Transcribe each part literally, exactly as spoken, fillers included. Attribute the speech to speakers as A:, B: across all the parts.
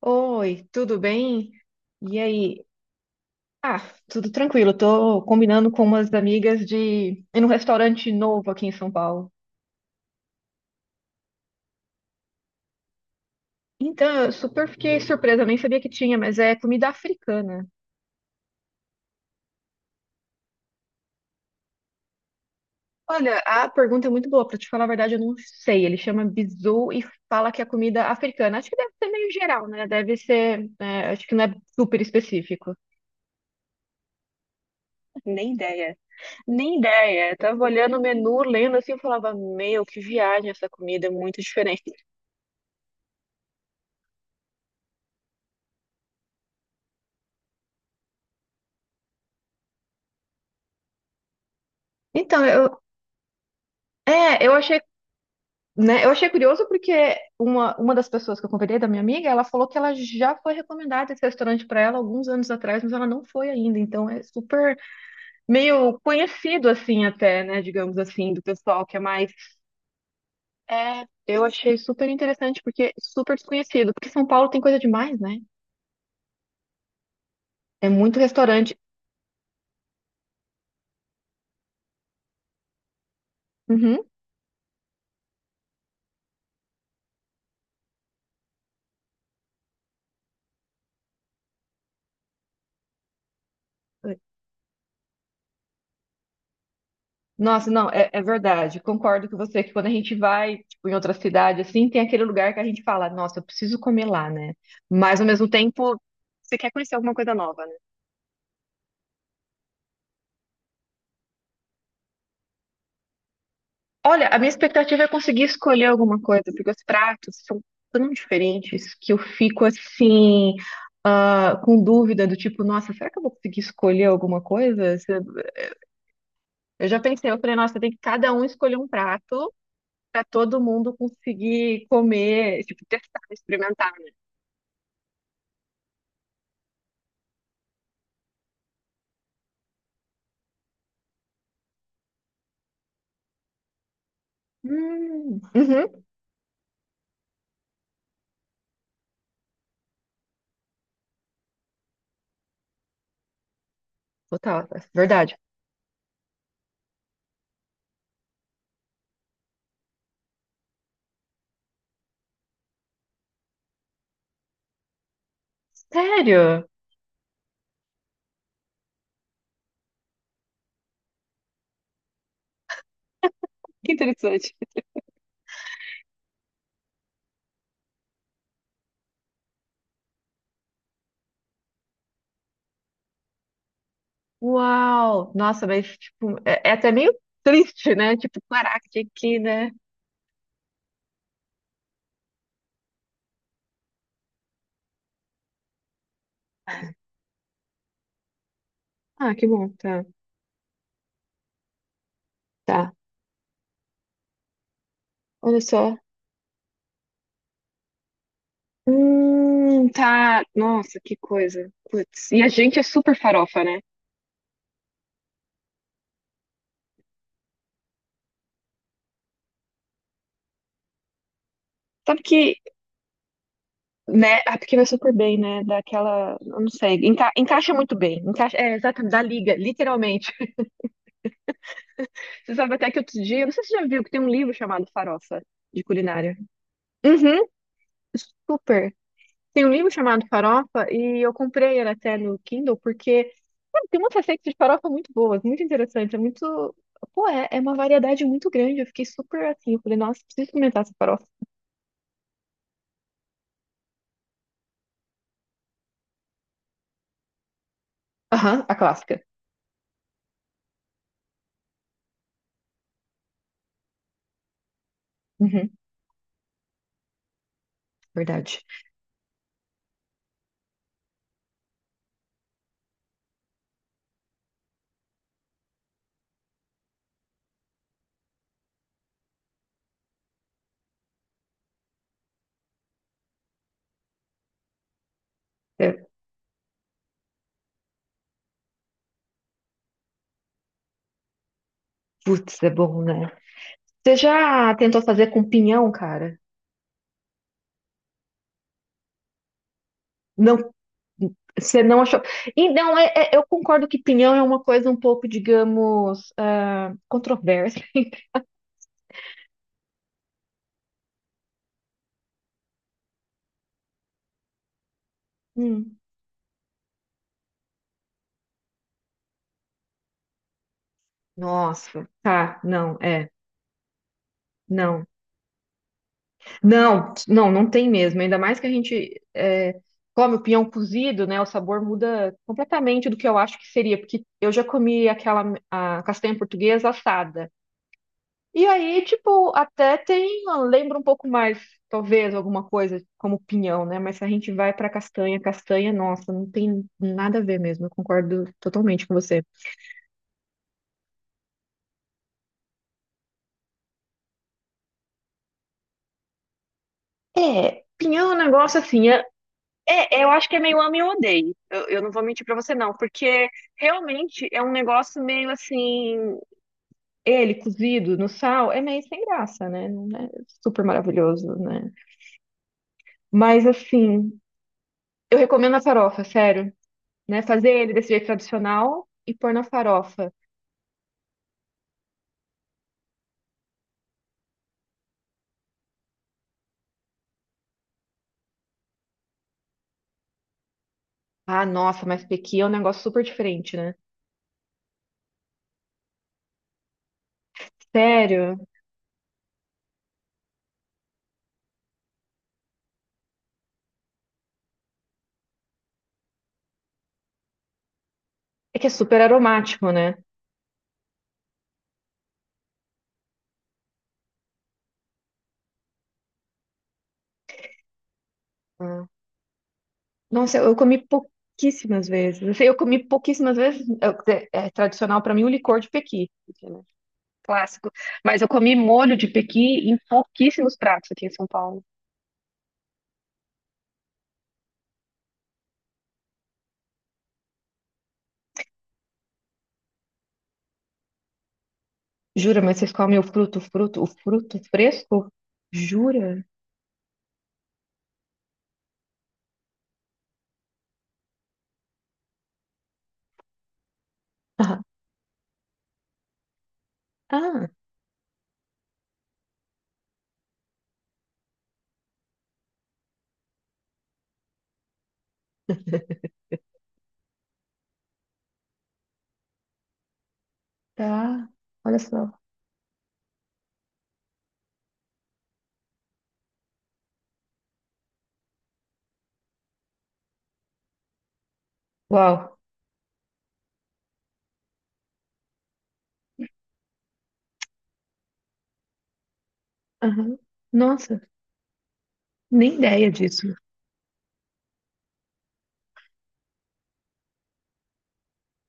A: Oi, tudo bem? E aí? Ah, tudo tranquilo. Tô combinando com umas amigas de ir num restaurante novo aqui em São Paulo. Então, eu super fiquei surpresa, nem sabia que tinha, mas é comida africana. Olha, a pergunta é muito boa, pra te falar a verdade, eu não sei. Ele chama bizu e fala que é comida africana. Acho que deve ser meio geral, né? Deve ser, é, acho que não é super específico. Nem ideia, nem ideia. Eu tava olhando o menu, lendo assim, eu falava, meu, que viagem essa comida, é muito diferente. Então, eu, é, eu achei, né, eu achei curioso porque uma, uma das pessoas que eu convidei, da minha amiga, ela falou que ela já foi recomendada esse restaurante para ela alguns anos atrás, mas ela não foi ainda. Então, é super meio conhecido, assim, até, né, digamos assim, do pessoal que é mais. É, eu achei super interessante porque super desconhecido, porque São Paulo tem coisa demais, né? É muito restaurante. Uhum. Nossa, não, é, é verdade. Concordo com você que quando a gente vai, tipo, em outra cidade, assim, tem aquele lugar que a gente fala, nossa, eu preciso comer lá, né? Mas ao mesmo tempo, você quer conhecer alguma coisa nova, né? Olha, a minha expectativa é conseguir escolher alguma coisa, porque os pratos são tão diferentes que eu fico assim, ah, com dúvida do tipo, nossa, será que eu vou conseguir escolher alguma coisa? Se- Eu já pensei, eu falei, nossa, tem que cada um escolher um prato, para todo mundo conseguir comer, tipo, testar, experimentar. Hum, uhum, total, verdade. Sério? Que interessante. Uau! Nossa, mas, tipo, é, é até meio triste, né? Tipo, caraca, tinha que ir, né? Ah, que bom, tá. Tá. Olha só. Hum, tá. Nossa, que coisa. Putz. E a gente é super farofa, né? Sabe que, né? Ah, porque vai super bem, né? Daquela. Eu não sei. enca- encaixa muito bem. Encaixa, é, exatamente. Da liga, literalmente. Você sabe até que outro dia, eu não sei se você já viu que tem um livro chamado Farofa, de culinária. Uhum. Super. Tem um livro chamado Farofa e eu comprei ele até no Kindle porque sabe, tem umas receitas de farofa muito boas, muito interessantes, é muito... Pô, é, é uma variedade muito grande. Eu fiquei super assim, eu falei, nossa, preciso experimentar essa farofa. Aham, a clássica. Uhum, verdade. É, putz, é bom, né? Você já tentou fazer com pinhão, cara? Não, você não achou. Então, é- é- eu concordo que pinhão é uma coisa um pouco, digamos, ah, controversa. Hum. Nossa, tá, não, é. Não, não, não, não tem mesmo. Ainda mais que a gente é, come o pinhão cozido, né? O sabor muda completamente do que eu acho que seria, porque eu já comi aquela a castanha portuguesa assada. E aí, tipo, até tem, lembra um pouco mais, talvez, alguma coisa como pinhão, né? Mas se a gente vai pra castanha, castanha, nossa, não tem nada a ver mesmo. Eu concordo totalmente com você. É, pinhão é um negócio assim. É, eu, acho que é meio ame ou odeie. Eu, eu não vou mentir pra você, não, porque realmente é um negócio meio assim. Ele cozido no sal é meio sem graça, né? Não é super maravilhoso, né? Mas assim, eu recomendo a farofa, sério, né? Fazer ele desse jeito tradicional e pôr na farofa. Ah, nossa, mas pequi é um negócio super diferente, né? Sério. É que é super aromático, né? Ah. Nossa, eu comi pouquíssimas vezes. Assim, eu comi pouquíssimas vezes. eu- É, é tradicional para mim o licor de pequi, porque, né, clássico. Mas eu comi molho de pequi em pouquíssimos pratos aqui em São Paulo. Jura, mas vocês comem o fruto, o fruto, o fruto fresco? Jura? Ah, ah, tá. Olha só. Uau. Aham. Nossa, nem ideia disso.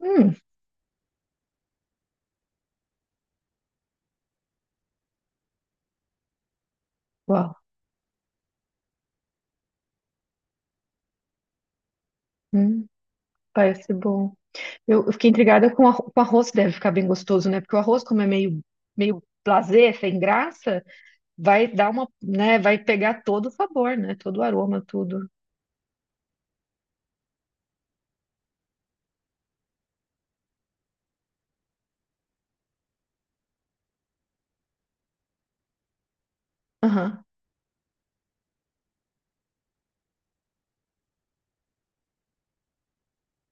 A: Hum, uau. Hum, parece bom. Eu, eu fiquei intrigada com, o arro- com arroz, que deve ficar bem gostoso, né? Porque o arroz, como é meio, meio blasé, sem graça, vai dar uma, né? Vai pegar todo o sabor, né? Todo o aroma, tudo. Aham,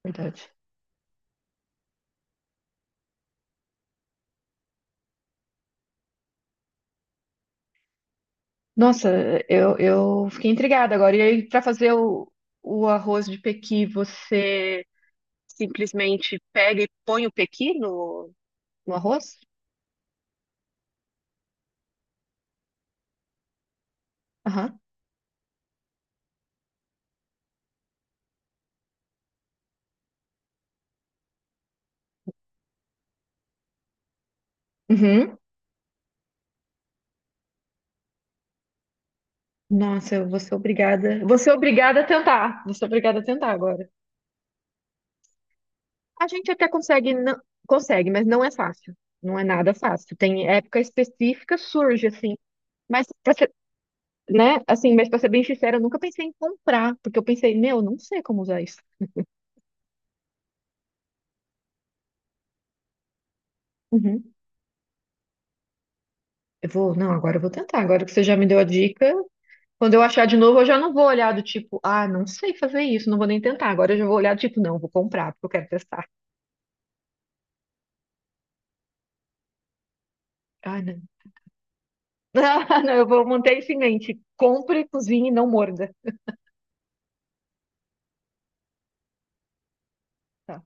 A: verdade. Nossa, eu, eu fiquei intrigada agora. E aí, para fazer o, o arroz de pequi, você simplesmente pega e põe o pequi no, no arroz? Aham. Uhum. Nossa, eu vou ser obrigada. Vou ser obrigada a tentar. Vou ser obrigada a tentar agora. A gente até consegue, não, consegue, mas não é fácil. Não é nada fácil. Tem época específica, surge assim. Mas para ser, né? Assim, mas para ser bem sincera, eu nunca pensei em comprar, porque eu pensei, meu, eu não sei como usar isso. Uhum. Eu vou, não, agora eu vou tentar. Agora que você já me deu a dica, quando eu achar de novo, eu já não vou olhar do tipo, ah, não sei fazer isso, não vou nem tentar. Agora eu já vou olhar do tipo, não, vou comprar, porque eu quero testar. Ah, não. Ah, não, eu vou manter isso em mente. Compre, cozinhe e não morda. Tá,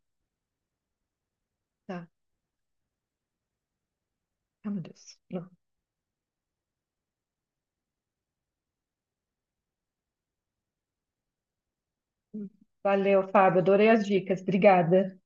A: tá. Ah, meu Deus. Valeu, Fábio. Adorei as dicas. Obrigada.